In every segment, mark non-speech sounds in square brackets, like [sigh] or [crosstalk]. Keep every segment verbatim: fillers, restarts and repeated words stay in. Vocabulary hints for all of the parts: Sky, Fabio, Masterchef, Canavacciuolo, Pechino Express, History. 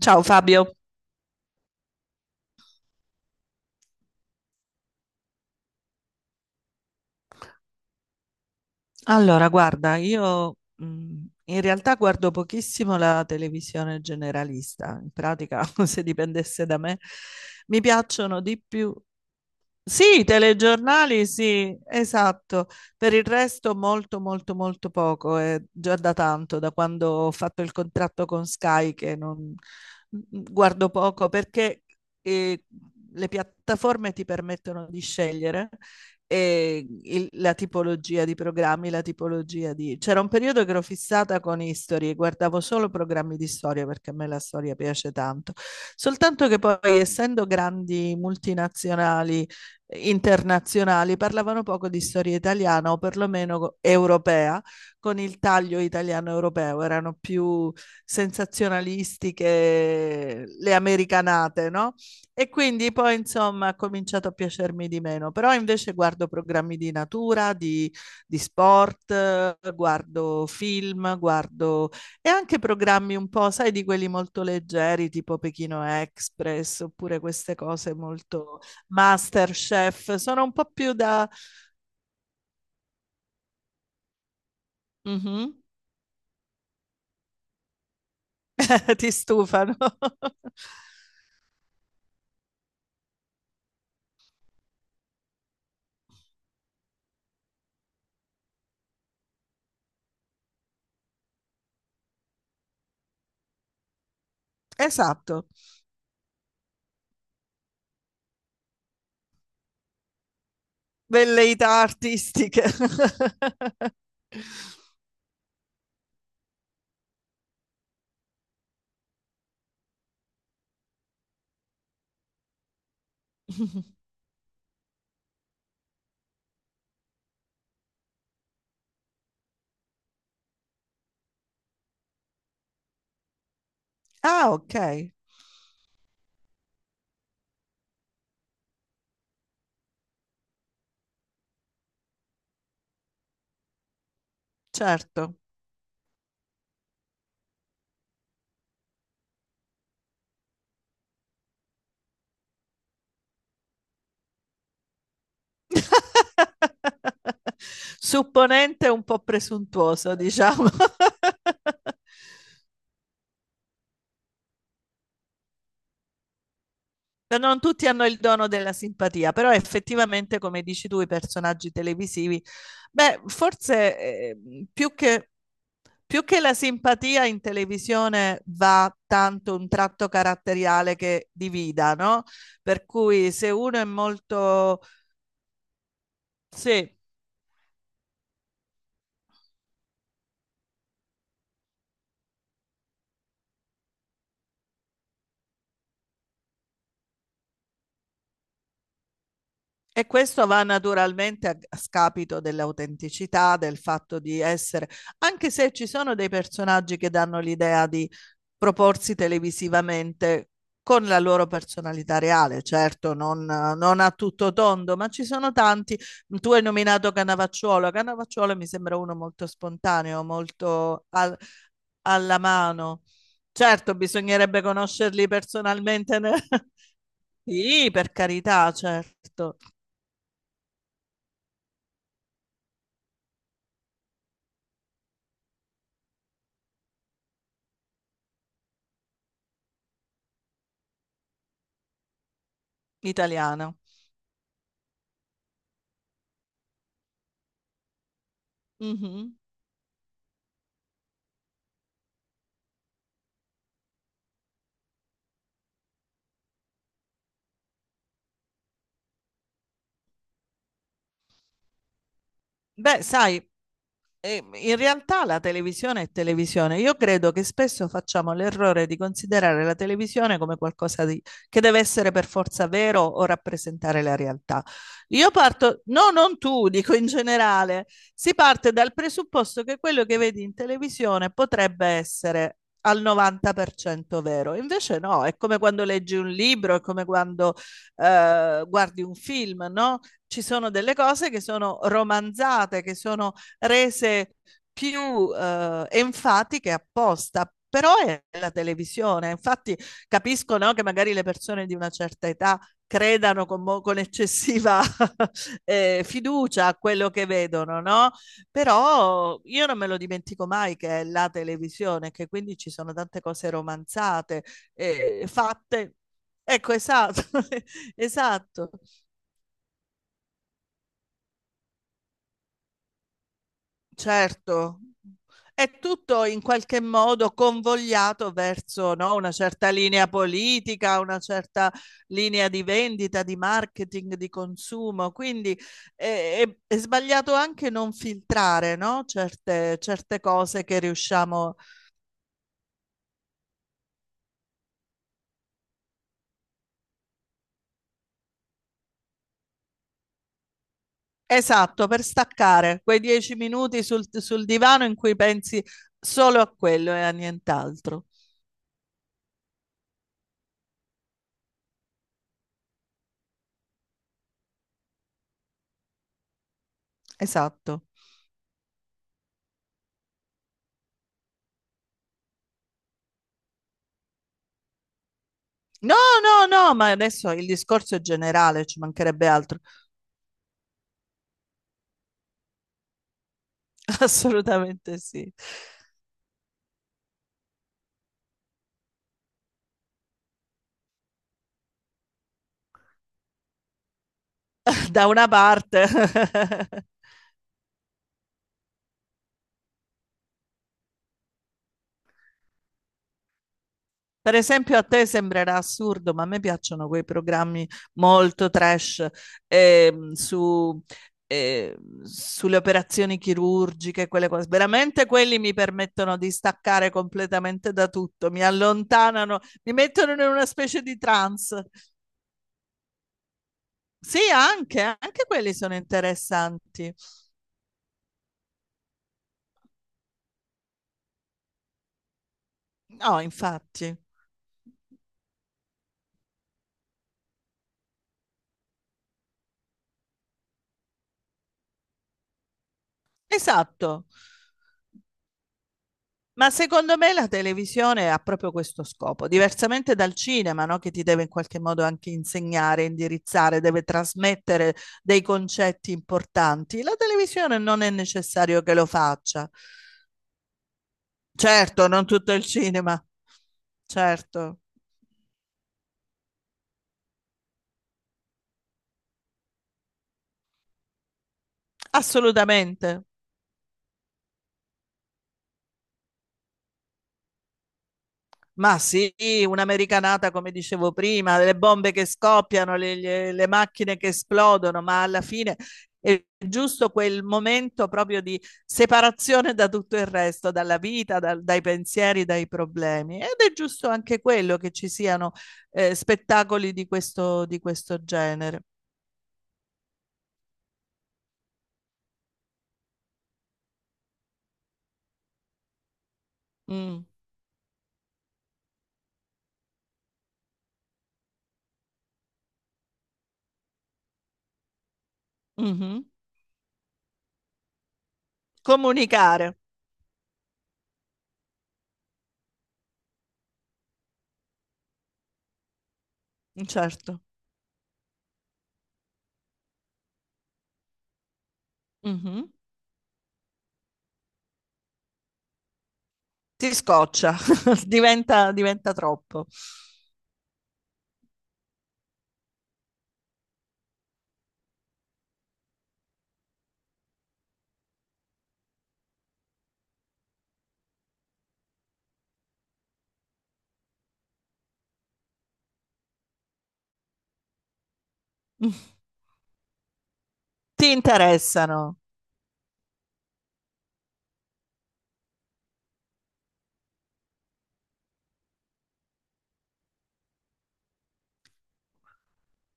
Ciao Fabio, allora guarda, io mh, in realtà guardo pochissimo la televisione generalista, in pratica [laughs] se dipendesse da me, mi piacciono di più. Sì, i telegiornali, sì, esatto. Per il resto molto, molto, molto poco. È già da tanto, da quando ho fatto il contratto con Sky, che non mm, mm, guardo poco perché eh, le piattaforme ti permettono di scegliere, eh, il- la tipologia di programmi, la tipologia di. C'era un periodo che ero fissata con History, guardavo solo programmi di storia perché a me la storia piace tanto. Soltanto che poi, essendo grandi multinazionali, internazionali, parlavano poco di storia italiana o perlomeno europea, con il taglio italiano-europeo, erano più sensazionalistiche le americanate, no? E quindi poi insomma ha cominciato a piacermi di meno, però invece guardo programmi di natura, di, di sport, eh, guardo film, guardo e anche programmi un po', sai, di quelli molto leggeri, tipo Pechino Express, oppure queste cose molto Masterchef, sono un po' più da. Mhm. [laughs] Ti stufano. [laughs] Esatto, velleità artistiche. [laughs] Ah, ok, certo. Supponente, un po' presuntuoso, diciamo. [laughs] No, non tutti hanno il dono della simpatia, però effettivamente, come dici tu, i personaggi televisivi, beh, forse, eh, più che, più che, la simpatia in televisione va tanto un tratto caratteriale che divida, no? Per cui se uno è molto. Sì. E questo va naturalmente a a scapito dell'autenticità, del fatto di essere, anche se ci sono dei personaggi che danno l'idea di proporsi televisivamente con la loro personalità reale, certo, non, non a tutto tondo, ma ci sono tanti. Tu hai nominato Canavacciuolo, Canavacciuolo mi sembra uno molto spontaneo, molto al- alla mano. Certo, bisognerebbe conoscerli personalmente. ne- [laughs] Sì, per carità, certo, italiano. Mh-mh. Beh, sai, Eh, In realtà la televisione è televisione. Io credo che spesso facciamo l'errore di considerare la televisione come qualcosa di- che deve essere per forza vero o rappresentare la realtà. Io parto, no, non tu, dico in generale, si parte dal presupposto che quello che vedi in televisione potrebbe essere al novanta per cento vero. Invece no, è come quando leggi un libro, è come quando eh, guardi un film, no? Ci sono delle cose che sono romanzate, che sono rese più eh, enfatiche apposta. Però è la televisione, infatti capisco, no, che magari le persone di una certa età credano con, mo- con eccessiva [laughs] eh, fiducia a quello che vedono, no? Però io non me lo dimentico mai che è la televisione, che quindi ci sono tante cose romanzate, eh, fatte. Ecco, esatto, [laughs] esatto. Certo, è tutto in qualche modo convogliato verso, no, una certa linea politica, una certa linea di vendita, di marketing, di consumo. Quindi è, è- è sbagliato anche non filtrare, no, certe, certe cose che riusciamo. Esatto, per staccare quei dieci minuti sul, sul divano in cui pensi solo a quello e a nient'altro. Esatto. No, no, no, ma adesso il discorso è generale, ci mancherebbe altro. Assolutamente sì. Da una parte, [laughs] per esempio, a te sembrerà assurdo, ma a me piacciono quei programmi molto trash, ehm, su, eh, sulle operazioni chirurgiche, quelle cose. Veramente quelli mi permettono di staccare completamente da tutto, mi allontanano, mi mettono in una specie di trance. Sì, anche, anche quelli sono interessanti. No, infatti. Esatto. Ma secondo me la televisione ha proprio questo scopo, diversamente dal cinema, no? Che ti deve in qualche modo anche insegnare, indirizzare, deve trasmettere dei concetti importanti. La televisione non è necessario che lo faccia. Certo, non tutto il cinema, certo, assolutamente. Ma sì, un'americanata, come dicevo prima, le bombe che scoppiano, le, le- le macchine che esplodono, ma alla fine è giusto quel momento proprio di separazione da tutto il resto, dalla vita, dal- dai pensieri, dai problemi. Ed è giusto anche quello che ci siano eh, spettacoli di questo, di questo genere. Mm, mhm. Comunicare, certo. Mhm. Ti scoccia, [laughs] diventa, diventa troppo. [laughs] Ti interessano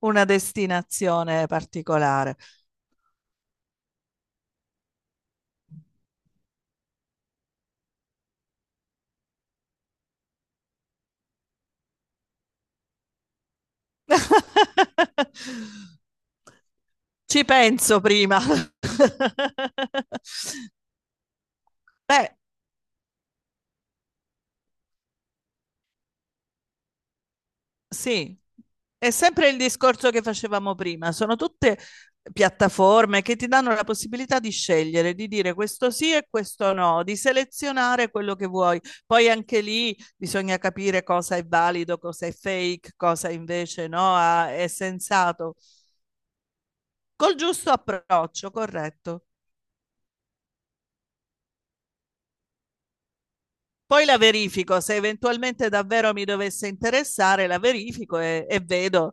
una destinazione particolare. [laughs] Ci penso prima. [laughs] Beh, sì, è sempre il discorso che facevamo prima, sono tutte piattaforme che ti danno la possibilità di scegliere, di dire questo sì e questo no, di selezionare quello che vuoi. Poi anche lì bisogna capire cosa è valido, cosa è fake, cosa invece no, ha- è sensato. Col giusto approccio, corretto. Poi la verifico, se eventualmente davvero mi dovesse interessare, la verifico e, e vedo.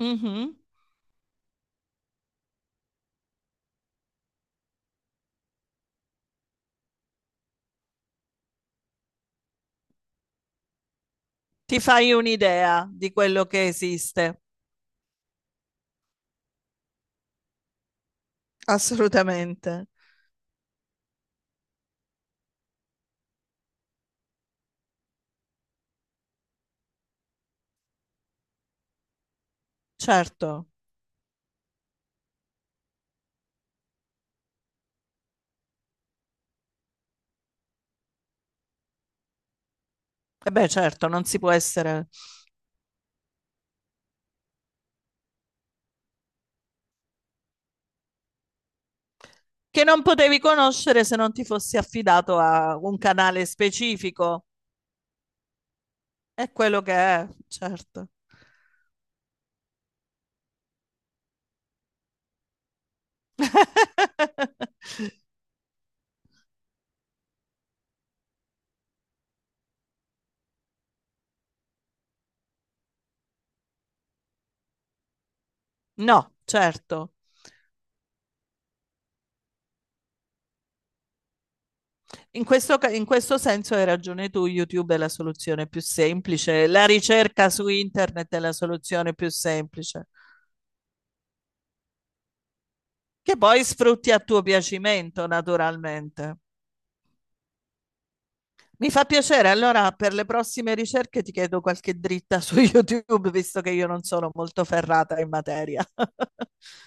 Mhm. Ti fai un'idea di quello che esiste. Assolutamente. Certo. E beh, certo, non si può essere. Che non potevi conoscere se non ti fossi affidato a un canale specifico. È quello che è, certo. [laughs] No, certo. In questo, ca- in questo senso hai ragione tu, YouTube è la soluzione più semplice, la ricerca su internet è la soluzione più semplice, che poi sfrutti a tuo piacimento, naturalmente. Mi fa piacere, allora per le prossime ricerche ti chiedo qualche dritta su [laughs] YouTube, visto che io non sono molto ferrata in materia. [laughs]